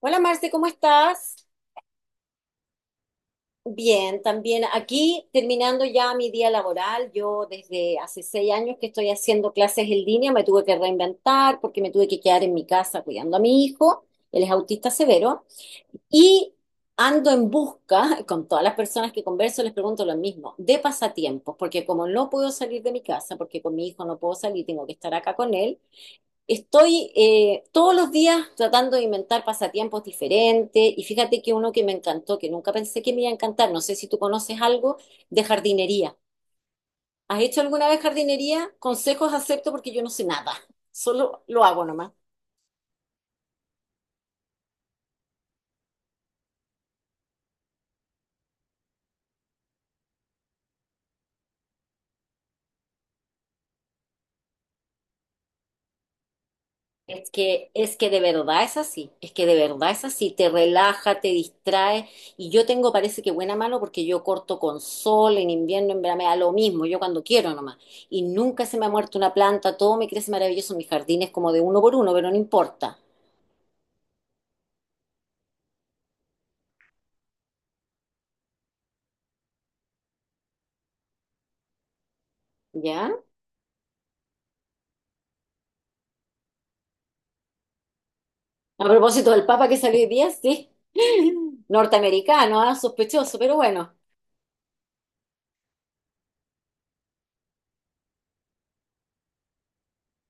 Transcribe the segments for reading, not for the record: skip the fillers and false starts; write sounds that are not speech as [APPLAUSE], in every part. Hola Marce, ¿cómo estás? Bien, también aquí terminando ya mi día laboral. Yo desde hace 6 años que estoy haciendo clases en línea, me tuve que reinventar porque me tuve que quedar en mi casa cuidando a mi hijo, él es autista severo, y ando en busca, [LAUGHS] con todas las personas que converso les pregunto lo mismo, de pasatiempos, porque como no puedo salir de mi casa, porque con mi hijo no puedo salir, tengo que estar acá con él. Estoy todos los días tratando de inventar pasatiempos diferentes y fíjate que uno que me encantó, que nunca pensé que me iba a encantar, no sé si tú conoces algo de jardinería. ¿Has hecho alguna vez jardinería? Consejos acepto porque yo no sé nada, solo lo hago nomás. Es que de verdad es así, es que de verdad es así, te relaja, te distrae y yo tengo parece que buena mano porque yo corto con sol, en invierno, en verano, me da lo mismo, yo cuando quiero nomás y nunca se me ha muerto una planta, todo me crece maravilloso, mis jardines como de uno por uno, pero no importa, ¿ya? A propósito del Papa que salió hoy día, sí, [LAUGHS] norteamericano, ah, sospechoso, pero bueno,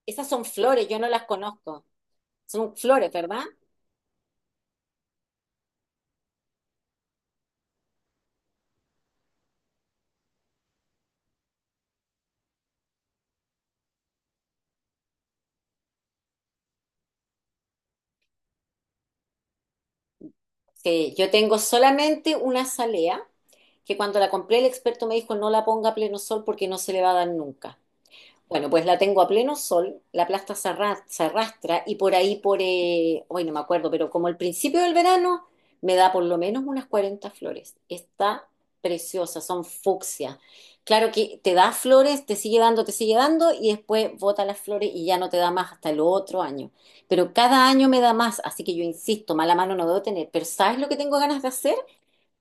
esas son flores, yo no las conozco, son flores, ¿verdad? Sí, yo tengo solamente una azalea que cuando la compré el experto me dijo no la ponga a pleno sol porque no se le va a dar nunca. Bueno, pues la tengo a pleno sol, la plasta se arrastra y por ahí, hoy no me acuerdo, pero como el principio del verano, me da por lo menos unas 40 flores. Está preciosa, son fucsia. Claro que te da flores, te sigue dando y después bota las flores y ya no te da más hasta el otro año. Pero cada año me da más, así que yo insisto, mala mano no debo tener. Pero ¿sabes lo que tengo ganas de hacer?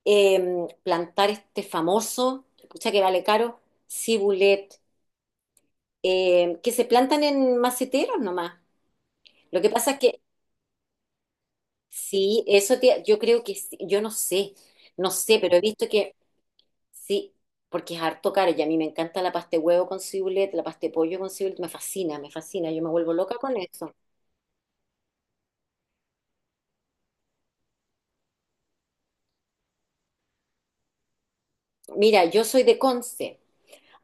eh, plantar este famoso, escucha que vale caro, cibulet, que se plantan en maceteros nomás. Lo que pasa es que sí, yo creo que sí, yo no sé, no sé, pero he visto que sí, porque es harto caro y a mí me encanta la pasta de huevo con cibulet, la pasta de pollo con cibulet, me fascina, yo me vuelvo loca con eso. Mira, yo soy de Conce.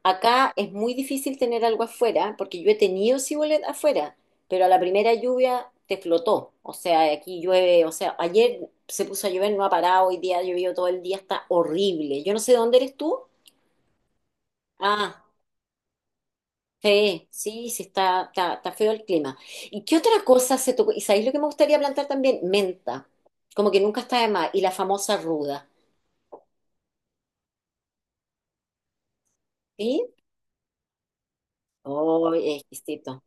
Acá es muy difícil tener algo afuera, porque yo he tenido cibulet afuera, pero a la primera lluvia te flotó. O sea, aquí llueve, o sea, ayer se puso a llover, no ha parado, hoy día ha llovido todo el día, está horrible. Yo no sé dónde eres tú. Ah, sí, sí, sí, está, está, está feo el clima. ¿Y qué otra cosa se tocó? ¿Y sabéis lo que me gustaría plantar también? Menta, como que nunca está de más, y la famosa ruda, ¿sí? Oh, exquisito.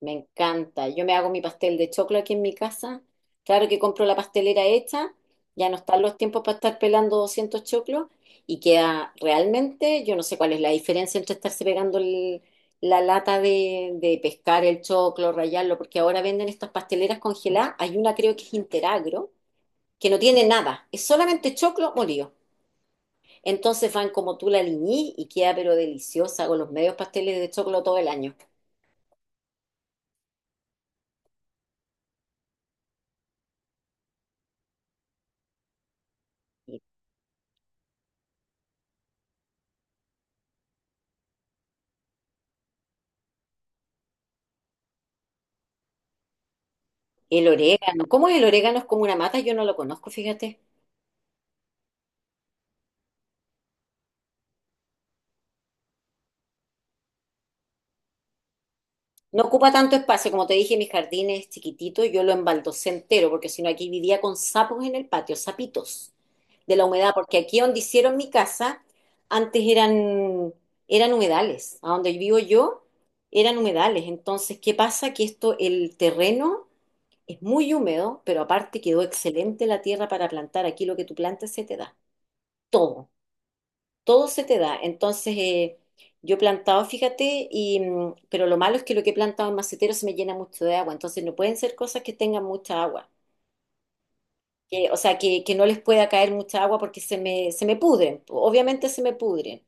Me encanta. Yo me hago mi pastel de choclo aquí en mi casa. Claro que compro la pastelera hecha. Ya no están los tiempos para estar pelando 200 choclos. Y queda realmente, yo no sé cuál es la diferencia entre estarse pegando la lata de pescar el choclo, rallarlo, porque ahora venden estas pasteleras congeladas. Hay una creo que es Interagro, que no tiene nada. Es solamente choclo molido. Entonces van como tú la liñí y queda pero deliciosa con los medios pasteles de choclo todo el año. El orégano. ¿Cómo es el orégano? Es como una mata, yo no lo conozco, fíjate. No ocupa tanto espacio, como te dije, mi jardín es chiquitito, yo lo embaldosé entero, porque si no aquí vivía con sapos en el patio, sapitos de la humedad, porque aquí donde hicieron mi casa, antes eran humedales, a donde vivo yo eran humedales. Entonces, ¿qué pasa? Que esto, el terreno es muy húmedo, pero aparte quedó excelente la tierra para plantar. Aquí lo que tú plantas se te da, todo. Todo se te da. Entonces, yo he plantado, fíjate, pero lo malo es que lo que he plantado en macetero se me llena mucho de agua. Entonces, no pueden ser cosas que tengan mucha agua. Que, o sea, que no les pueda caer mucha agua porque se me pudren. Obviamente se me pudren.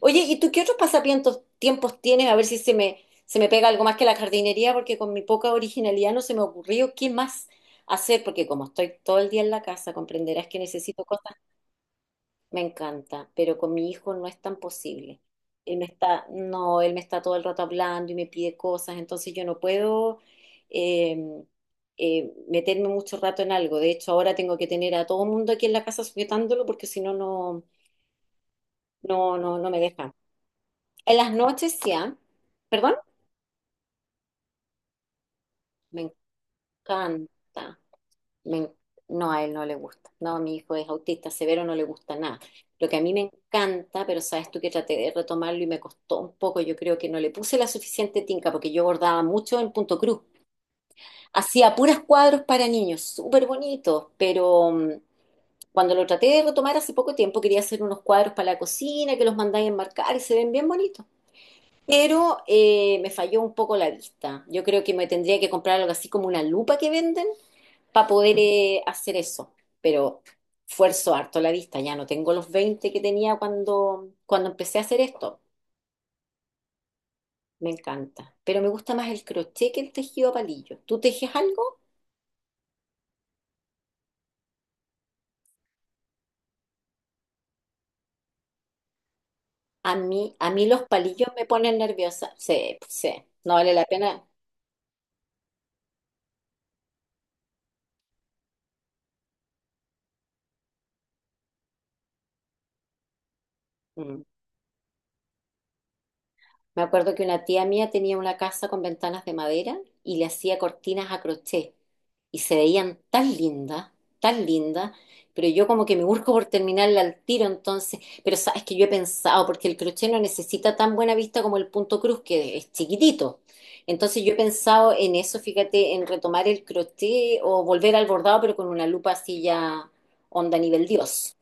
Oye, ¿y tú qué otros pasatiempos tiempos tienes? A ver si se me pega algo más que la jardinería, porque con mi poca originalidad no se me ocurrió qué más hacer, porque como estoy todo el día en la casa, comprenderás que necesito cosas. Me encanta, pero con mi hijo no es tan posible. Él me está, no, él me está todo el rato hablando y me pide cosas, entonces yo no puedo eh, meterme mucho rato en algo. De hecho, ahora tengo que tener a todo el mundo aquí en la casa sujetándolo porque si no, no, no, no, no me deja. En las noches ya, perdón, me encanta. me- no, a él no le gusta. No, mi hijo es autista severo, no le gusta nada. Lo que a mí me encanta, pero sabes tú que traté de retomarlo y me costó un poco, yo creo que no le puse la suficiente tinca porque yo bordaba mucho en punto cruz. Hacía puras cuadros para niños, súper bonitos, pero cuando lo traté de retomar hace poco tiempo, quería hacer unos cuadros para la cocina que los mandáis a enmarcar y se ven bien bonitos. Pero me falló un poco la vista. Yo creo que me tendría que comprar algo así como una lupa que venden para poder hacer eso. Pero fuerzo harto la vista, ya no tengo los 20 que tenía cuando empecé a hacer esto. Me encanta. Pero me gusta más el crochet que el tejido a palillo. ¿Tú tejes algo? A mí los palillos me ponen nerviosa. Sí, pues, sí. No vale la pena. Mm. Me acuerdo que una tía mía tenía una casa con ventanas de madera y le hacía cortinas a crochet y se veían tan lindas, pero yo como que me busco por terminarla al tiro entonces, pero sabes que yo he pensado, porque el crochet no necesita tan buena vista como el punto cruz, que es chiquitito. Entonces yo he pensado en eso, fíjate, en retomar el crochet o volver al bordado, pero con una lupa así ya onda nivel Dios.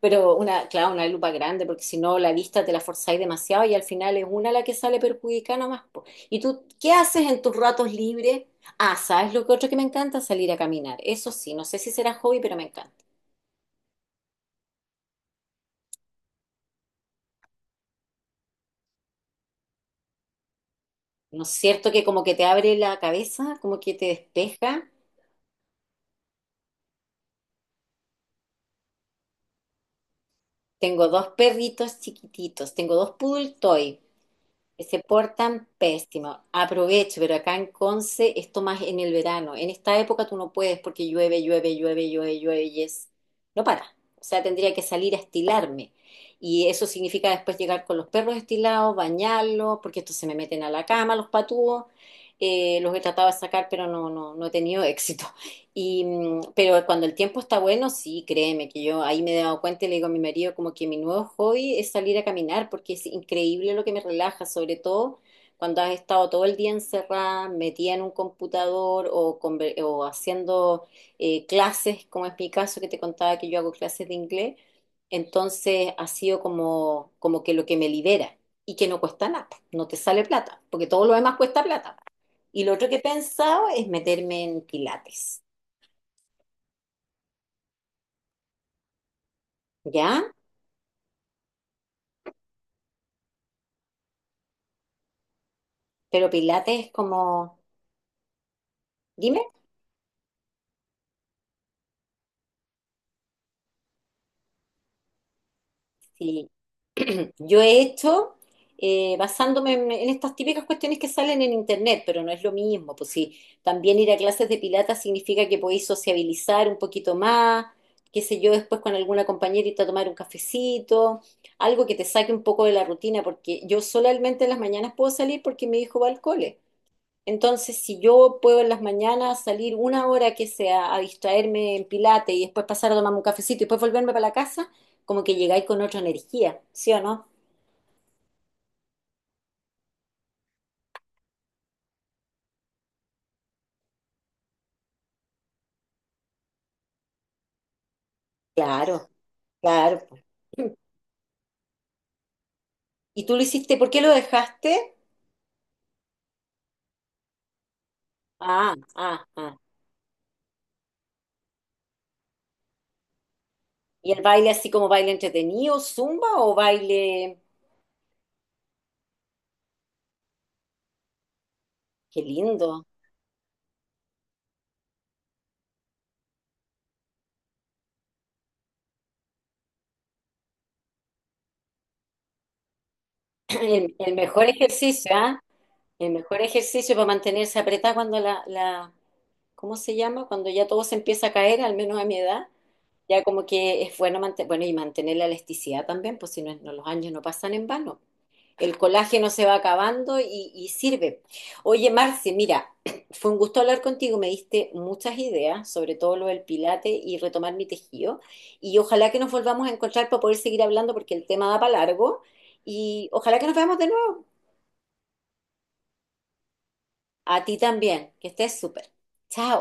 Pero una, claro, una lupa grande, porque si no la vista te la forzáis demasiado y al final es una la que sale perjudicada nomás. Po. ¿Y tú qué haces en tus ratos libres? Ah, ¿sabes lo que otro que me encanta? Salir a caminar. Eso sí, no sé si será hobby, pero me encanta. ¿No es cierto que como que te abre la cabeza, como que te despeja? Tengo dos perritos chiquititos, tengo dos poodle toy. Se portan pésimo. Aproveche, pero acá en Conce esto más en el verano. En esta época tú no puedes porque llueve, llueve, llueve, llueve, llueve y es... No para. O sea, tendría que salir a estilarme. Y eso significa después llegar con los perros estilados, bañarlos, porque estos se me meten a la cama, los patúos. Los he tratado de sacar, pero no, no, no he tenido [LAUGHS] éxito. Pero cuando el tiempo está bueno, sí, créeme que yo ahí me he dado cuenta y le digo a mi marido como que mi nuevo hobby es salir a caminar porque es increíble lo que me relaja, sobre todo cuando has estado todo el día encerrada, metida en un computador o, o haciendo clases, como es mi caso que te contaba que yo hago clases de inglés. Entonces ha sido como que lo que me libera y que no cuesta nada, no te sale plata, porque todo lo demás cuesta plata. Y lo otro que he pensado es meterme en pilates. ¿Ya? Pero Pilates es como, dime, si [CLEARS THROAT] yo he hecho basándome en estas típicas cuestiones que salen en internet, pero no es lo mismo, pues sí, también ir a clases de Pilates significa que podéis sociabilizar un poquito más, qué sé yo, después con alguna compañerita tomar un cafecito, algo que te saque un poco de la rutina, porque yo solamente en las mañanas puedo salir porque mi hijo va al cole. Entonces, si yo puedo en las mañanas salir una hora que sea a distraerme en Pilates y después pasar a tomarme un cafecito y después volverme para la casa, como que llegáis con otra energía, ¿sí o no? Claro, claro. [CLEARS THROAT] ¿Y tú lo hiciste? ¿Por qué lo dejaste? Ah, ah, ah. ¿Y el baile así como baile entretenido, zumba o baile? Qué lindo. [CLEARS THROAT] El mejor ejercicio, ¿ah? El mejor ejercicio para mantenerse apretada cuando la, ¿cómo se llama? Cuando ya todo se empieza a caer, al menos a mi edad. Ya como que es bueno, bueno y mantener la elasticidad también, pues si no, no los años no pasan en vano. El colágeno se va acabando y sirve. Oye, Marce, mira, [CLEARS THROAT] fue un gusto hablar contigo, me diste muchas ideas, sobre todo lo del pilate y retomar mi tejido. Y ojalá que nos volvamos a encontrar para poder seguir hablando porque el tema da para largo. Y ojalá que nos veamos de nuevo. A ti también, que estés súper. Chao.